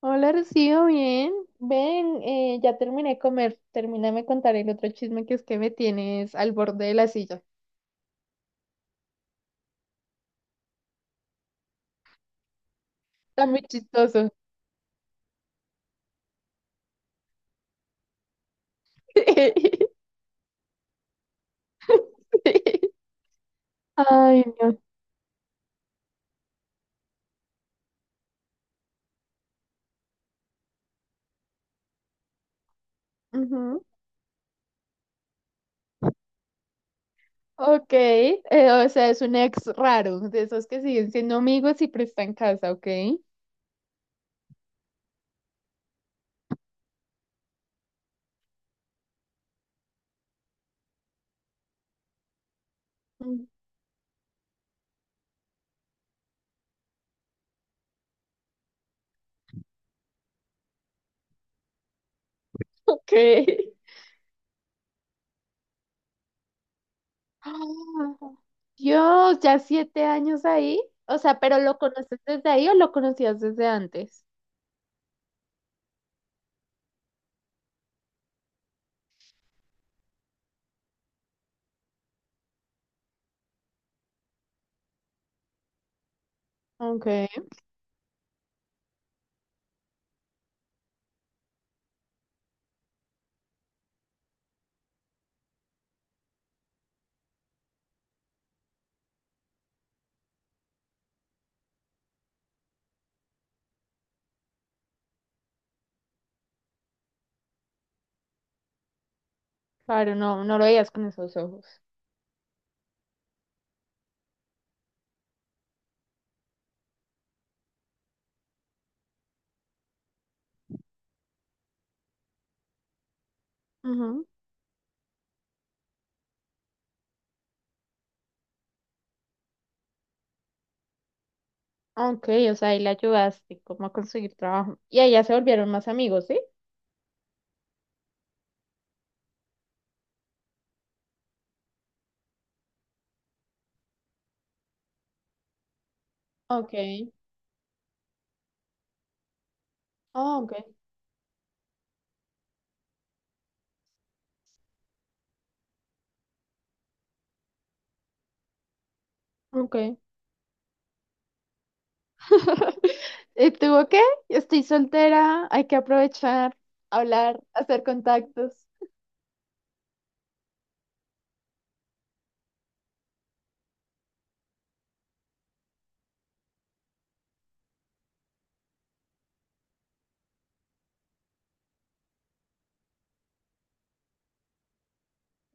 Hola, Rocío, bien. Ven, ya terminé de comer. Termíname de contar el otro chisme que es que me tienes al borde de la silla. Está muy chistoso. Ay, no. Ujú. Ok, o sea, es un ex raro, de esos que siguen siendo amigos y prestan casa, ¿ok? Mm. Ok. Ah, Dios, ya 7 años ahí. O sea, ¿pero lo conoces desde ahí o lo conocías desde antes? Ok, claro, no, no lo veías con esos ojos. Ok, o sea, ahí la ayudaste como a conseguir trabajo. Y ahí ya se volvieron más amigos, ¿sí? Ok. Ah, ok. Ok. ¿Y tú qué? Estoy soltera, hay que aprovechar, hablar, hacer contactos.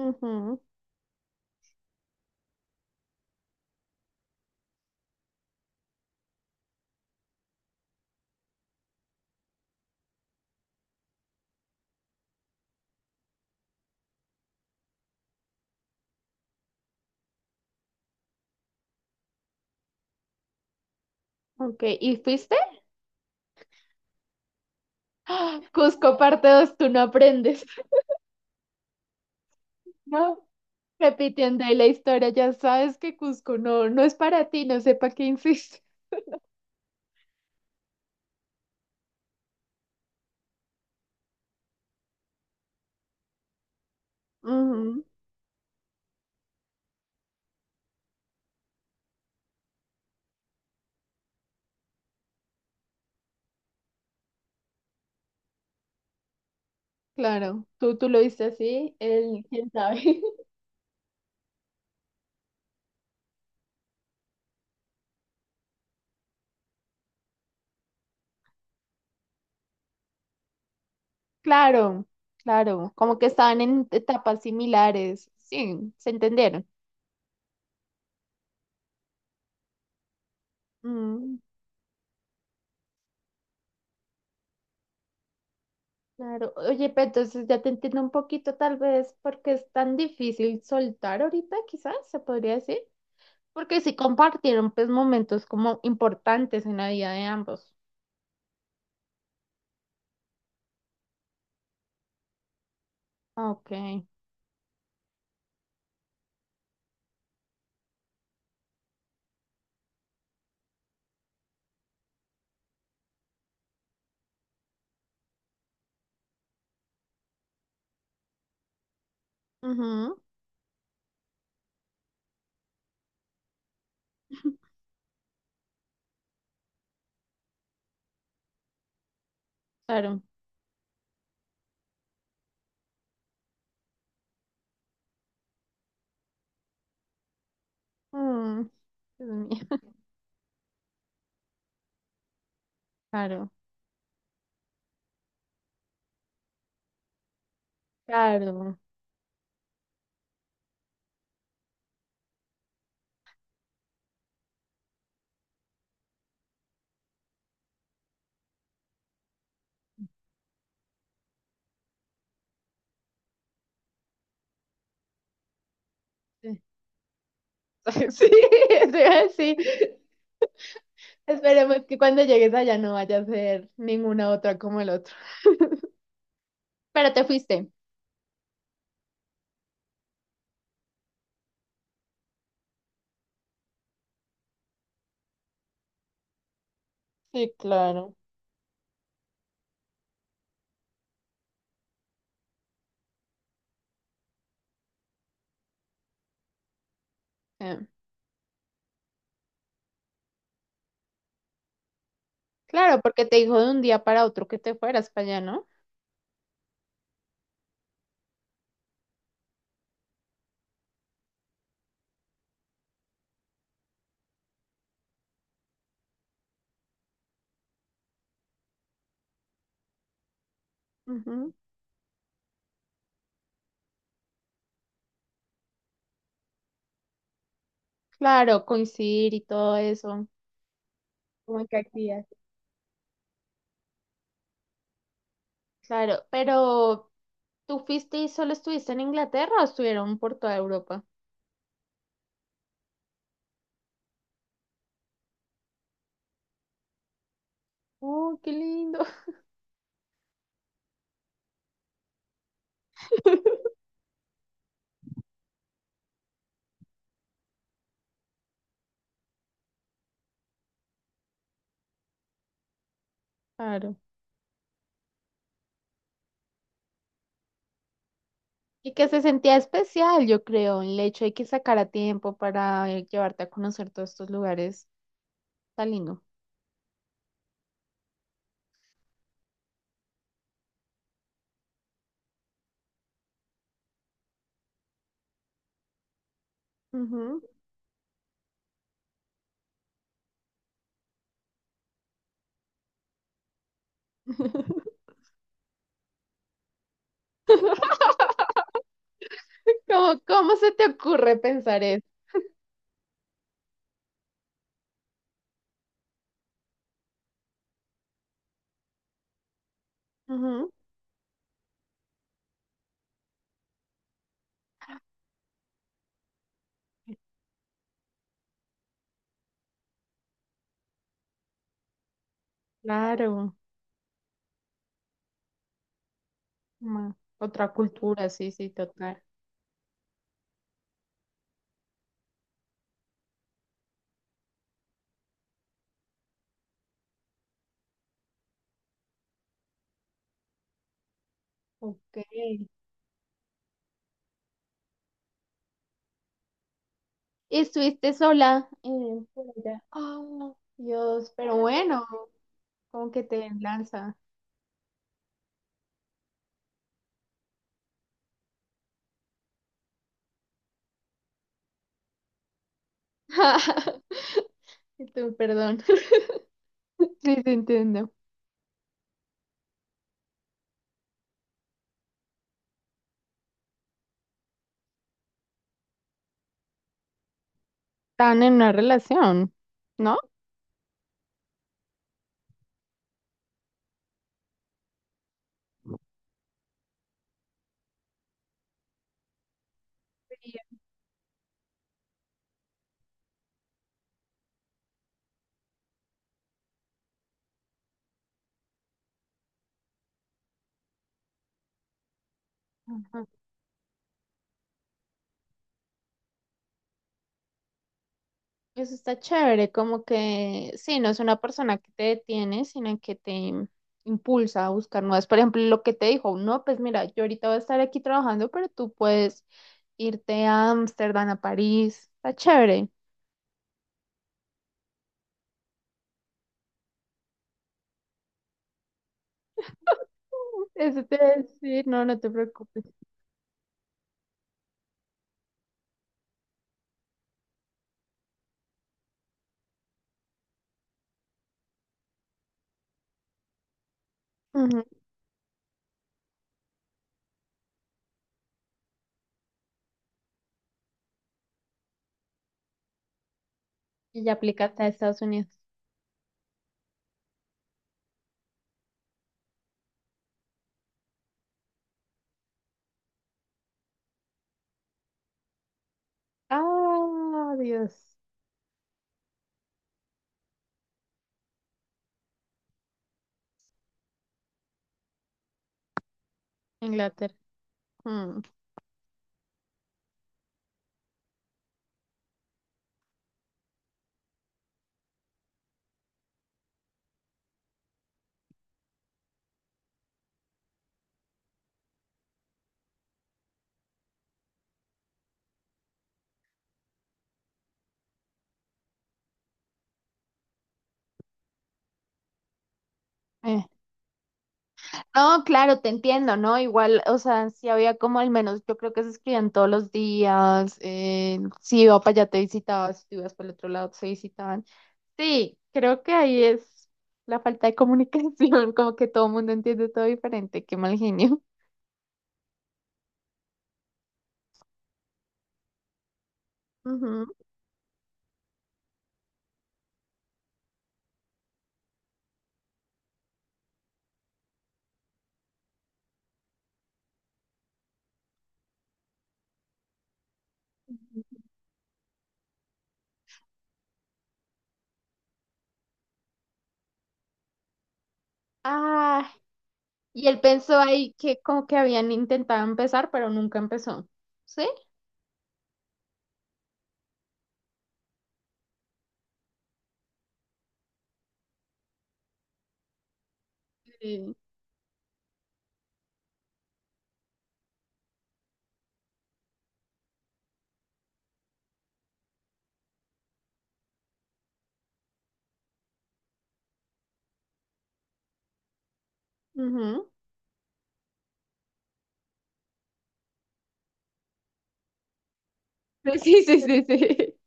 Ujú. Ok, ¿y fuiste? ¡Ah! Cusco parte 2, tú no aprendes. No, repitiendo ahí la historia, ya sabes que Cusco no, no es para ti, no sé para qué insiste. Ujú. Claro, tú lo viste así, él, quién sabe. Claro, claro, como que estaban en etapas similares. Sí, se entendieron. Mm, claro. Oye, pero entonces ya te entiendo un poquito, tal vez, porque es tan difícil soltar ahorita, quizás se podría decir. Porque sí compartieron, pues, momentos como importantes en la vida de ambos. Ok. Ujú, claro. Mm. Dios mío. Claro, claro. Sí, sí, sí. Esperemos que cuando llegues allá no vaya a ser ninguna otra como el otro. Pero te fuiste. Sí, claro. Eh, claro, porque te dijo de un día para otro que te fueras para allá, ¿no? Ujú. Claro, coincidir y todo eso. Como que aquí, claro, pero ¿tú fuiste y solo estuviste en Inglaterra o estuvieron por toda Europa? Oh, qué lindo. Claro. Y que se sentía especial, yo creo, el hecho de que sacara tiempo para llevarte a conocer todos estos lugares. Está lindo. Ujú. ¿Cómo, cómo se te ocurre pensar eso? Ujú. Claro, ma- otra cultura, sí, sí, total. Ok. ¿Y estuviste sola por allá? Oh, Dios, pero bueno, como que te lanza. Y tú, perdón. Sí, te entiendo. Están en una relación, ¿no? Sí. Eso está chévere, como que sí, no es una persona que te detiene, sino que te impulsa a buscar nuevas. Por ejemplo, lo que te dijo, no, pues mira, yo ahorita voy a estar aquí trabajando, pero tú puedes irte a Ámsterdam, a París. Está chévere. Eso te iba a decir, no, no te preocupes. Ujú. Y ya aplicaste a Estados Unidos. Ah, Dios. Inglaterra. Mm. Eh, No, claro, te entiendo, ¿no? Igual, o sea, si había como al menos, yo creo que se escribían todos los días, si iba para allá te visitaban, si tú ibas para el otro lado se visitaban. Sí, creo que ahí es la falta de comunicación, como que todo el mundo entiende todo diferente, qué mal genio. Ujú. Ah, y él pensó ahí que como que habían intentado empezar, pero nunca empezó. ¿Sí? Sí. Ujú. Sí, sí, sí, sí.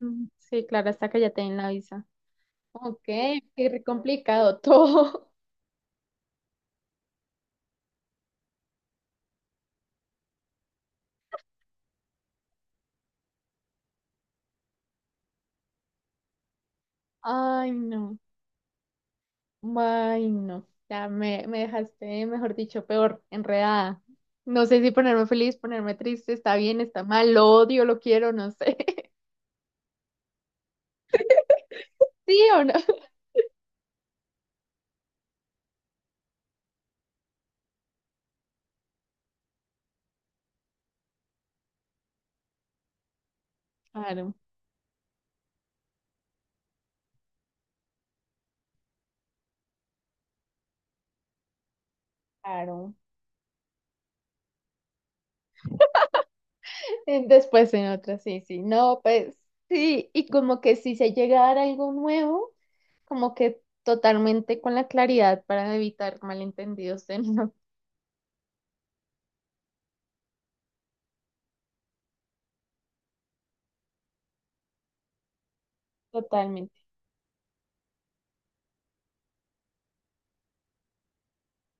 Mm, sí, claro, hasta que ya te den la visa. Ok, qué re complicado todo. Ay, no. Ay, no. Ya me dejaste, mejor dicho, peor, enredada. No sé si ponerme feliz, ponerme triste, está bien, está mal, lo odio, lo quiero, no sé. ¿Sí o no? Claro, claro. Después en otra, sí, sí. No, pues sí. Y como que si se llega a dar algo nuevo, como que totalmente con la claridad para evitar malentendidos de no. Totalmente.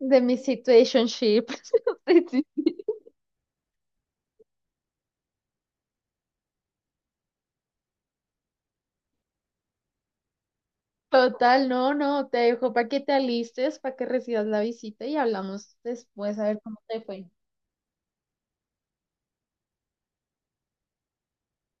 De mi situationship. Total, no, no, te dejo para que te alistes, para que recibas la visita y hablamos después a ver cómo te fue.